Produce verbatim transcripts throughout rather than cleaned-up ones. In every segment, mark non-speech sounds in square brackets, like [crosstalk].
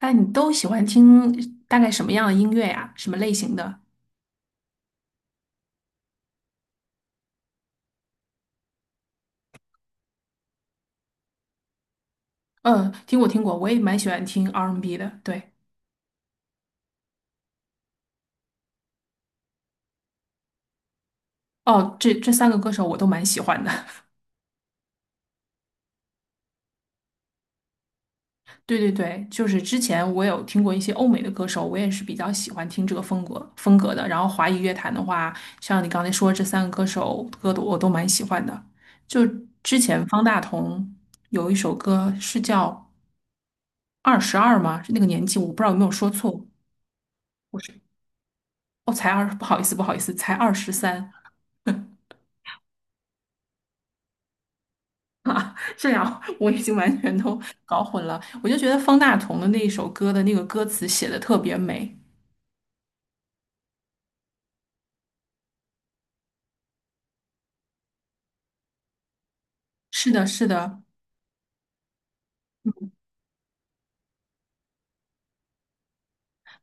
那你都喜欢听大概什么样的音乐呀？什么类型的？嗯，听过听过，我也蛮喜欢听 R and B 的。对，哦，这这三个歌手我都蛮喜欢的。[laughs] 对对对，就是之前我有听过一些欧美的歌手，我也是比较喜欢听这个风格风格的。然后华语乐坛的话，像你刚才说这三个歌手歌的我都蛮喜欢的。就之前方大同有一首歌是叫《二十二》吗？是那个年纪，我不知道有没有说错。我是哦，才二，不好意思，不好意思，才二十三。[laughs] 这样我已经完全都搞混了。我就觉得方大同的那一首歌的那个歌词写的特别美。是的，是的，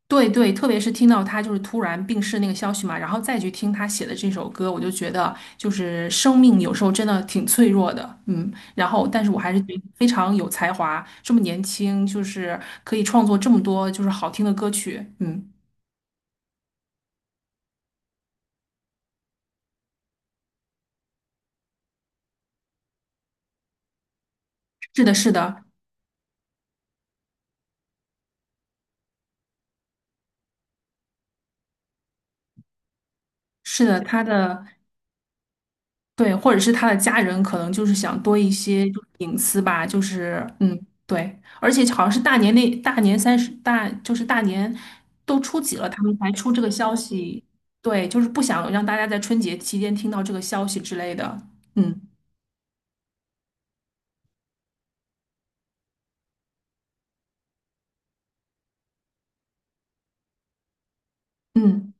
对对，特别是听到他就是突然病逝那个消息嘛，然后再去听他写的这首歌，我就觉得就是生命有时候真的挺脆弱的，嗯。然后，但是我还是觉得非常有才华，这么年轻，就是可以创作这么多就是好听的歌曲，嗯。是的，是的，是的，他的。对，或者是他的家人可能就是想多一些就是隐私吧，就是嗯，对，而且好像是大年那大年三十大，就是大年都初几了，他们才出这个消息，对，就是不想让大家在春节期间听到这个消息之类的，嗯嗯，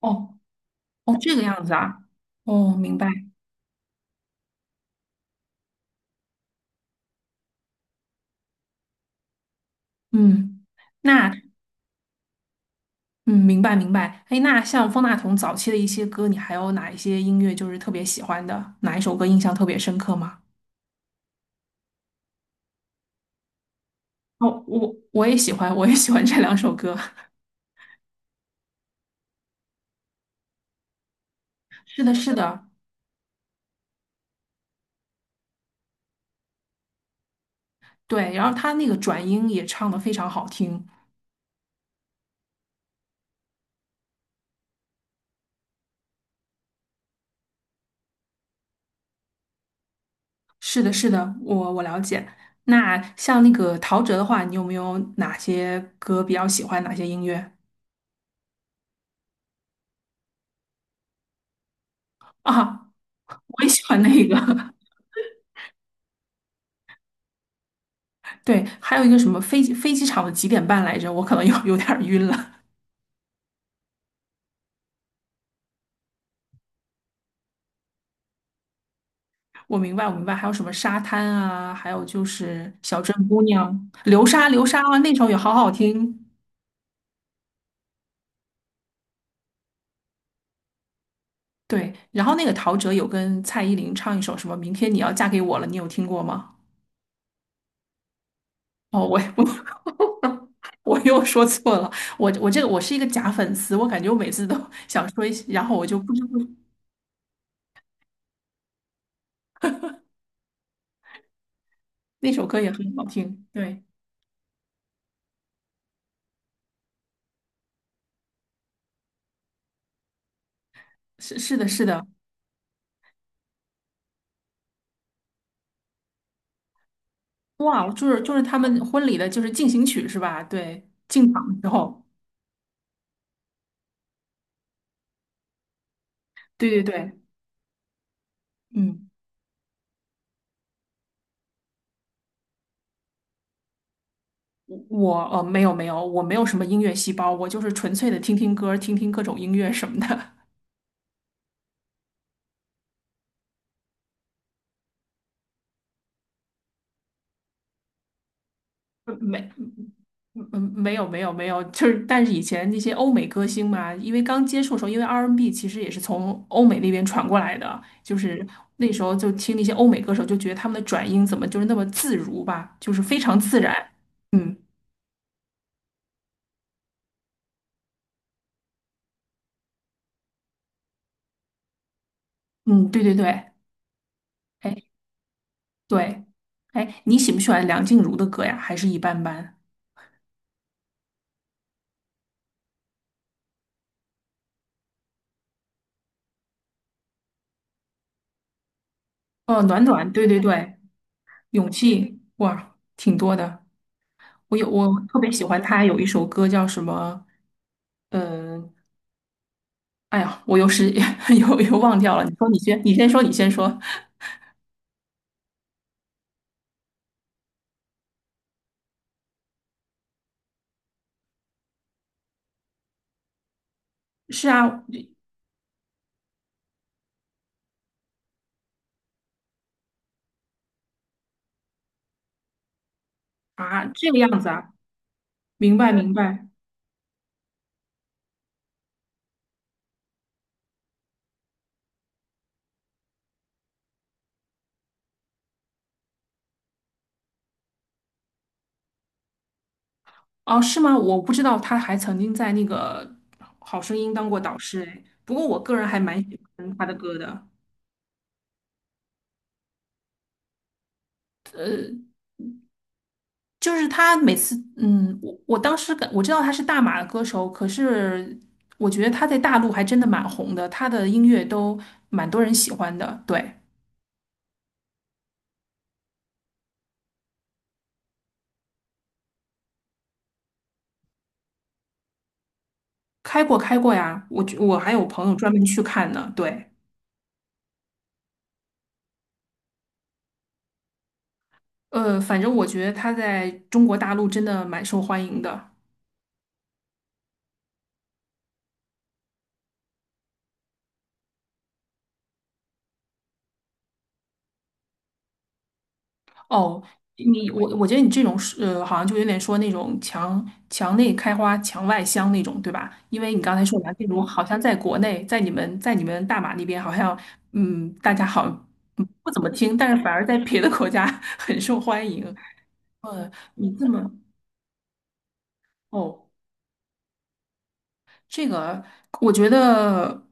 哦哦，这个样子啊，哦，明白，嗯，那嗯，明白明白，哎，那像方大同早期的一些歌，你还有哪一些音乐就是特别喜欢的，哪一首歌印象特别深刻吗？哦，我我也喜欢，我也喜欢这两首歌。[laughs] 是的，是的，对。然后他那个转音也唱的非常好听。是的，是的，我我了解。那像那个陶喆的话，你有没有哪些歌比较喜欢？哪些音乐啊？我也喜欢那个。[laughs] 对，还有一个什么飞机飞机场的几点半来着？我可能有有点儿晕了。[laughs] 我明白，我明白。还有什么沙滩啊？还有就是小镇姑娘、流沙，流沙啊，那首也好好听。对，然后那个陶喆有跟蔡依林唱一首什么“明天你要嫁给我了”，你有听过吗？哦，我 [laughs] 我我又说错了，我我这个我是一个假粉丝，我感觉我每次都想说一些，然后我就不知不那首歌也很好听。对，是是的，是的，哇，就是就是他们婚礼的就是进行曲是吧？对，进场之后，对对对，嗯，我我呃没有没有，我没有什么音乐细胞，我就是纯粹的听听歌，听听各种音乐什么的。嗯没，嗯嗯没有没有没有，就是但是以前那些欧美歌星嘛，因为刚接触的时候，因为 R and B N 其实也是从欧美那边传过来的，就是那时候就听那些欧美歌手，就觉得他们的转音怎么就是那么自如吧，就是非常自然。嗯嗯，对对对，哎对，哎，你喜不喜欢梁静茹的歌呀？还是一般般？哦，暖暖，对对对，勇气，哇，挺多的。我有我特别喜欢她有一首歌叫什么？嗯，哎呀，我又是 [laughs] 又又忘掉了。你说，你先，你先说，你先说。是啊，啊，这个样子啊，明白明白。哦，是吗？我不知道他还曾经在那个《好声音》当过导师哎。不过我个人还蛮喜欢他的歌的，呃，就是他每次，嗯，我我当时感我知道他是大马的歌手，可是我觉得他在大陆还真的蛮红的，他的音乐都蛮多人喜欢的。对，开过开过呀，我觉我还有朋友专门去看呢。对。呃，反正我觉得他在中国大陆真的蛮受欢迎的。哦，你我我觉得你这种是呃，好像就有点说那种墙墙内开花墙外香那种，对吧？因为你刚才说蓝静茹好像在国内，在你们在你们大马那边好像嗯，大家好像嗯不怎么听，但是反而在别的国家 [laughs] 很受欢迎。呃，你这么哦。这个我觉得，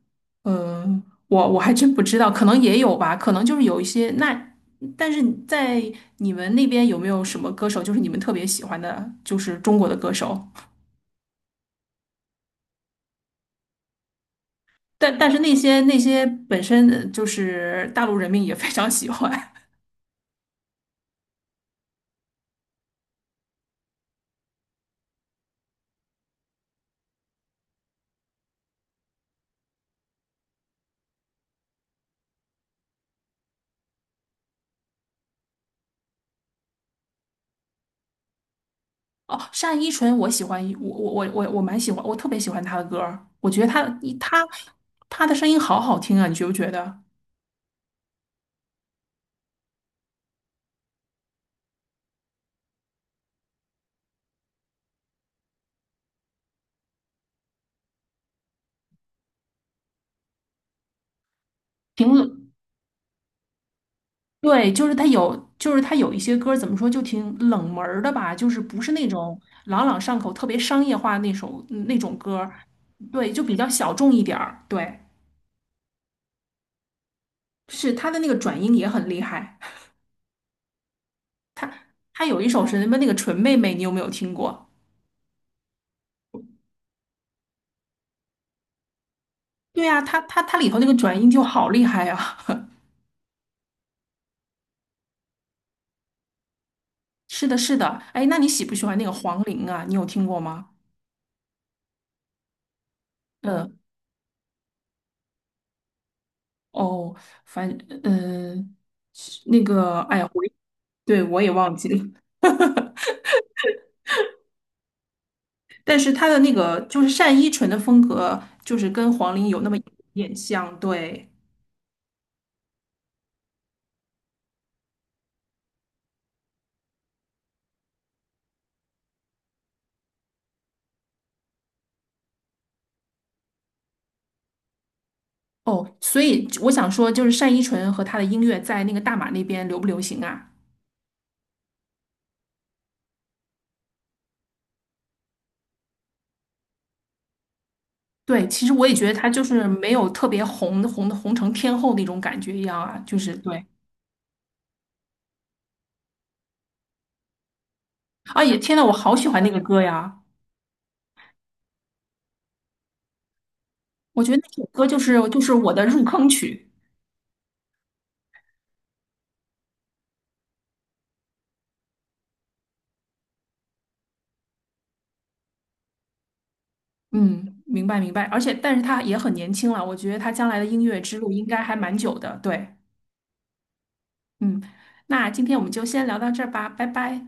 呃，我我还真不知道，可能也有吧，可能就是有一些那，但是在你们那边有没有什么歌手，就是你们特别喜欢的，就是中国的歌手？但但是那些那些本身呃就是大陆人民也非常喜欢 [laughs] 哦，单依纯我喜欢一，我我我我我蛮喜欢，我特别喜欢她的歌儿我觉得她她她的声音好好听啊，你觉不觉得？评论对，就是他有，就是他有一些歌儿怎么说，就挺冷门儿的吧，就是不是那种朗朗上口、特别商业化那首那种歌儿对，就比较小众一点儿。对，是他的那个转音也很厉害。他有一首是什么那个纯妹妹，你有没有听过？对呀、他他他里头那个转音就好厉害啊！[laughs] 是的，是的。哎，那你喜不喜欢那个黄龄啊？你有听过吗？嗯，哦，反嗯、呃那个，哎呀，我对我也忘记了。但是他的那个就是单依纯的风格，就是跟黄龄有那么一点点像，对。哦，所以我想说，就是单依纯和他的音乐在那个大马那边流不流行啊？对，其实我也觉得他就是没有特别红红红成天后那种感觉一样啊，就是对。啊也，天呐，我好喜欢那个歌呀！我觉得那首歌就是就是我的入坑曲。嗯，明白明白。而且，但是他也很年轻了，我觉得他将来的音乐之路应该还蛮久的。对。嗯，那今天我们就先聊到这儿吧，拜拜。